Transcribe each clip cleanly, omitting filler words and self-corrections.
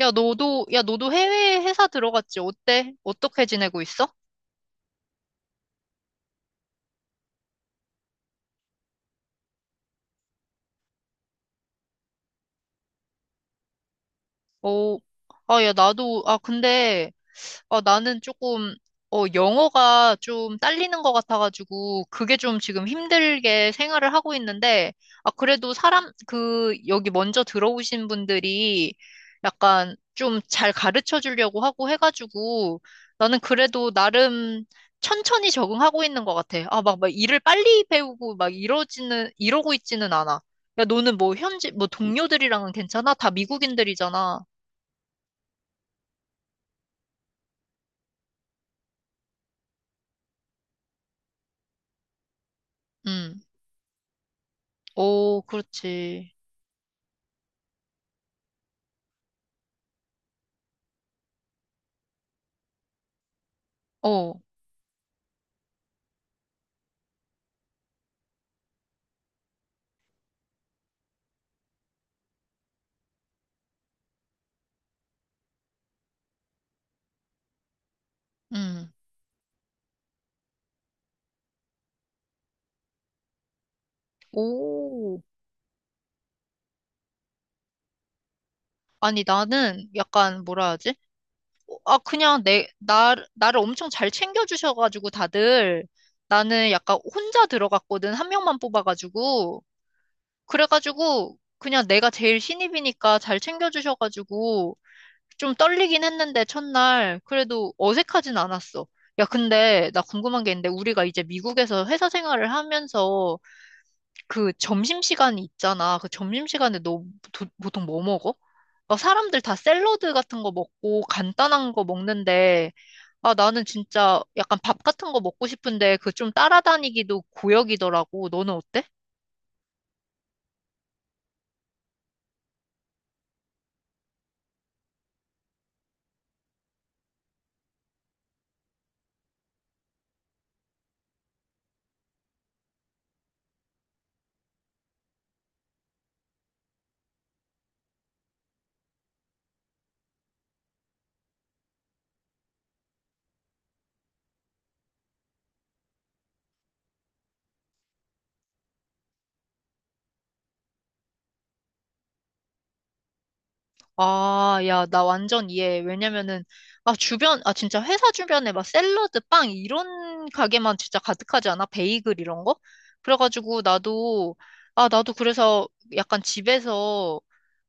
야, 너도 해외 회사 들어갔지? 어때? 어떻게 지내고 있어? 오, 아, 야, 나도, 아, 근데, 어, 나는 조금, 어, 영어가 좀 딸리는 것 같아가지고, 그게 좀 지금 힘들게 생활을 하고 있는데, 아, 그래도 사람, 그, 여기 먼저 들어오신 분들이 약간 좀 잘 가르쳐 주려고 하고 해가지고, 나는 그래도 나름 천천히 적응하고 있는 것 같아. 아, 막 일을 빨리 배우고 막 이러고 있지는 않아. 야, 너는 뭐 뭐 동료들이랑은 괜찮아? 다 미국인들이잖아. 음. 오, 그렇지. 어. 음. 오. 아니, 나는 약간 뭐라 하지? 어, 아, 그냥 나를 엄청 잘 챙겨주셔가지고 다들 나는 약간 혼자 들어갔거든. 한 명만 뽑아가지고. 그래가지고 그냥 내가 제일 신입이니까 잘 챙겨주셔가지고 좀 떨리긴 했는데 첫날. 그래도 어색하진 않았어. 야, 근데 나 궁금한 게 있는데 우리가 이제 미국에서 회사 생활을 하면서 그 점심시간 있잖아. 그 점심시간에 너 보통 뭐 먹어? 막 사람들 다 샐러드 같은 거 먹고 간단한 거 먹는데, 아, 나는 진짜 약간 밥 같은 거 먹고 싶은데 그 좀 따라다니기도 고역이더라고. 너는 어때? 아, 야, 나 완전 이해해. 왜냐면은, 아, 진짜 회사 주변에 막 샐러드, 빵, 이런 가게만 진짜 가득하지 않아? 베이글 이런 거? 그래가지고 나도 그래서 약간 집에서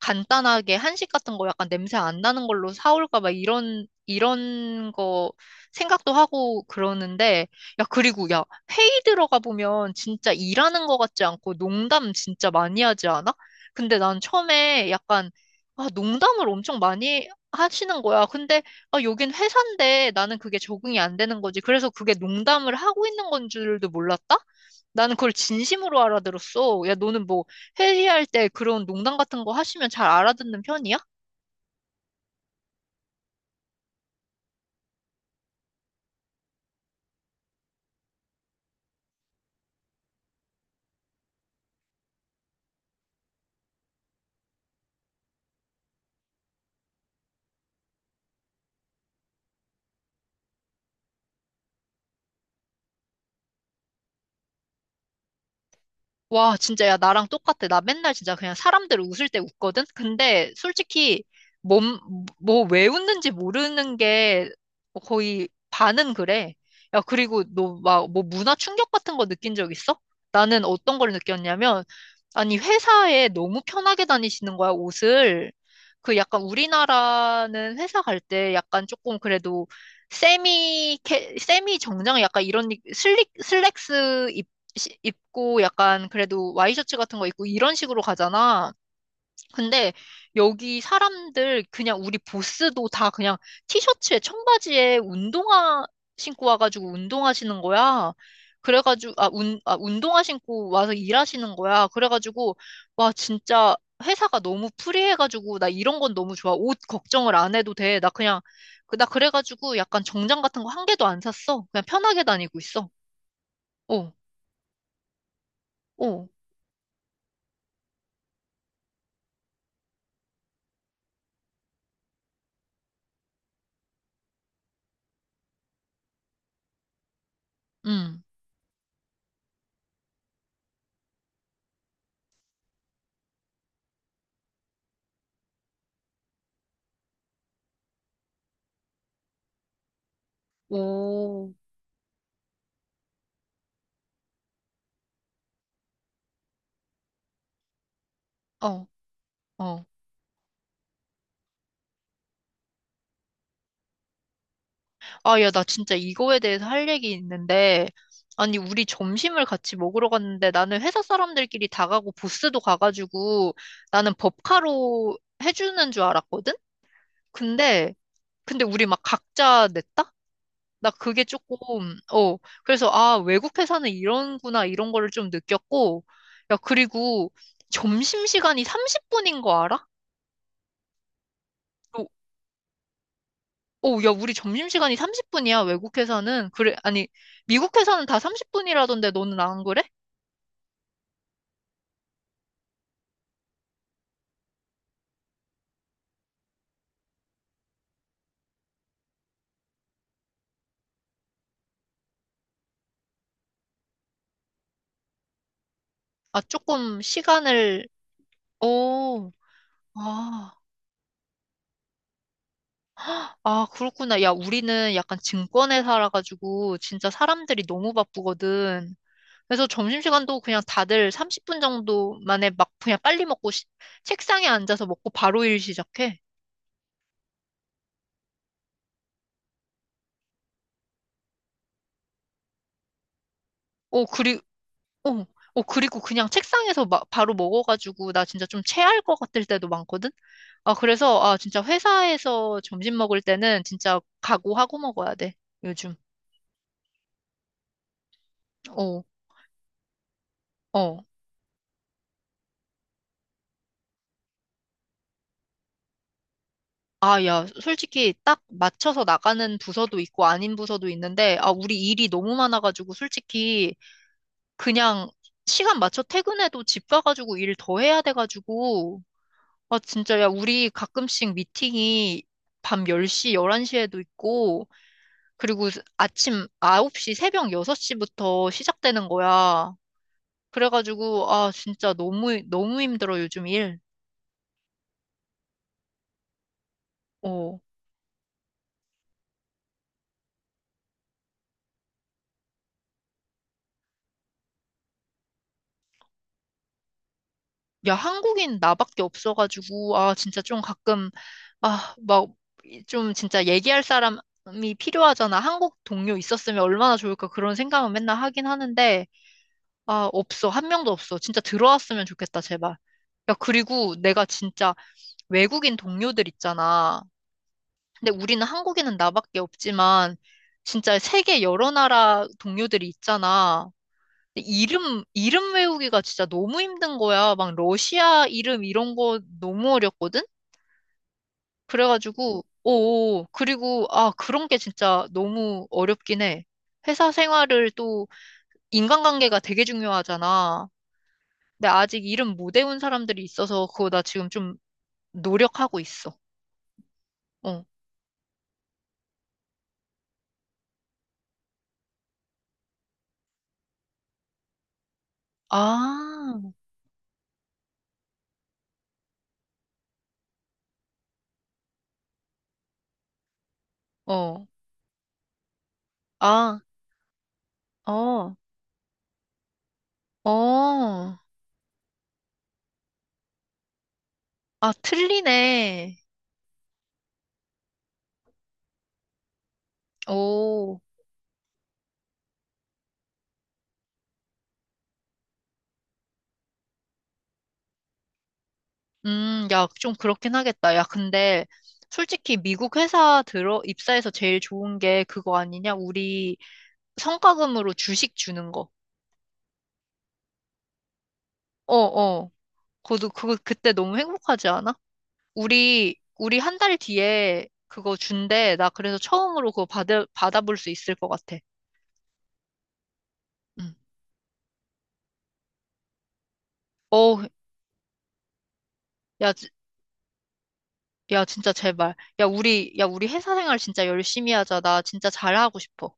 간단하게 한식 같은 거 약간 냄새 안 나는 걸로 사올까 봐 이런 거 생각도 하고 그러는데, 야, 그리고 야, 회의 들어가 보면 진짜 일하는 거 같지 않고 농담 진짜 많이 하지 않아? 근데 난 처음에 약간 아, 농담을 엄청 많이 하시는 거야. 근데, 아, 여긴 회사인데 나는 그게 적응이 안 되는 거지. 그래서 그게 농담을 하고 있는 건 줄도 몰랐다? 나는 그걸 진심으로 알아들었어. 야, 너는 뭐 회의할 때 그런 농담 같은 거 하시면 잘 알아듣는 편이야? 와, 진짜, 야, 나랑 똑같아. 나 맨날 진짜 그냥 사람들 웃을 때 웃거든? 근데 솔직히, 몸, 뭐, 왜 웃는지 모르는 게 뭐 거의 반은 그래. 야, 그리고 너 막, 뭐, 문화 충격 같은 거 느낀 적 있어? 나는 어떤 걸 느꼈냐면, 아니, 회사에 너무 편하게 다니시는 거야, 옷을. 그 약간 우리나라는 회사 갈 때 약간 조금 그래도 세미 정장 약간 이런 슬랙스 입고 약간 그래도 와이셔츠 같은 거 입고 이런 식으로 가잖아. 근데 여기 사람들 그냥 우리 보스도 다 그냥 티셔츠에 청바지에 운동화 신고 와가지고 운동하시는 거야. 그래가지고 아, 아 운동화 신고 와서 일하시는 거야. 그래가지고 와 진짜 회사가 너무 프리해가지고 나 이런 건 너무 좋아. 옷 걱정을 안 해도 돼. 나 그냥 나 그래가지고 약간 정장 같은 거 한 개도 안 샀어. 그냥 편하게 다니고 있어. 어, 어, 음. 오, 어, 어. 아, 야, 나 진짜 이거에 대해서 할 얘기 있는데, 아니, 우리 점심을 같이 먹으러 갔는데, 나는 회사 사람들끼리 다 가고, 보스도 가가지고, 나는 법카로 해주는 줄 알았거든? 근데, 근데 우리 막 각자 냈다? 나 그게 조금, 어, 그래서, 아, 외국 회사는 이런구나, 이런 거를 좀 느꼈고, 야, 그리고 점심시간이 30분인 거 알아? 어, 오, 야, 우리 점심시간이 30분이야, 외국에서는. 그래, 아니, 미국에서는 다 30분이라던데 너는 안 그래? 아, 조금 시간을, 오, 아, 아, 그렇구나. 야, 우리는 약간 증권에 살아가지고 진짜 사람들이 너무 바쁘거든. 그래서 점심시간도 그냥 다들 30분 정도 만에 막 그냥 빨리 먹고 책상에 앉아서 먹고 바로 일 시작해. 오, 어, 어, 그리고 그냥 책상에서 막 바로 먹어가지고 나 진짜 좀 체할 것 같을 때도 많거든? 아, 그래서, 아, 진짜 회사에서 점심 먹을 때는 진짜 각오하고 먹어야 돼, 요즘. 어, 어. 아, 야, 솔직히 딱 맞춰서 나가는 부서도 있고 아닌 부서도 있는데, 아, 우리 일이 너무 많아가지고 솔직히 그냥 시간 맞춰 퇴근해도 집 가가지고 일 더 해야 돼가지고, 아, 진짜, 야, 우리 가끔씩 미팅이 밤 10시, 11시에도 있고, 그리고 아침 9시, 새벽 6시부터 시작되는 거야. 그래가지고, 아, 진짜 너무, 너무 힘들어, 요즘 일. 어. 야, 한국인 나밖에 없어가지고, 아, 진짜 좀 가끔, 아, 막, 좀 진짜 얘기할 사람이 필요하잖아. 한국 동료 있었으면 얼마나 좋을까 그런 생각은 맨날 하긴 하는데, 아, 없어. 한 명도 없어. 진짜 들어왔으면 좋겠다, 제발. 야, 그리고 내가 진짜 외국인 동료들 있잖아. 근데 우리는 한국에는 나밖에 없지만 진짜 세계 여러 나라 동료들이 있잖아. 근데 이름 외우기가 진짜 너무 힘든 거야. 막 러시아 이름 이런 거 너무 어렵거든. 그래가지고 오, 그리고 아 그런 게 진짜 너무 어렵긴 해. 회사 생활을 또 인간관계가 되게 중요하잖아. 근데 아직 이름 못 외운 사람들이 있어서 그거 나 지금 좀 노력하고 있어. 어. 아, 어, 아, 어. 어, 아, 틀리네. 오, 야, 좀 그렇긴 하겠다. 야, 근데 솔직히 미국 회사 입사해서 제일 좋은 게 그거 아니냐? 우리 성과금으로 주식 주는 거. 어, 어. 그때 너무 행복하지 않아? 우리 한 달 뒤에 그거 준대. 나 그래서 처음으로 그거 받아볼 수 있을 것 같아. 응. 어, 야, 야, 진짜 제발. 야, 우리 회사 생활 진짜 열심히 하자. 나 진짜 잘하고 싶어.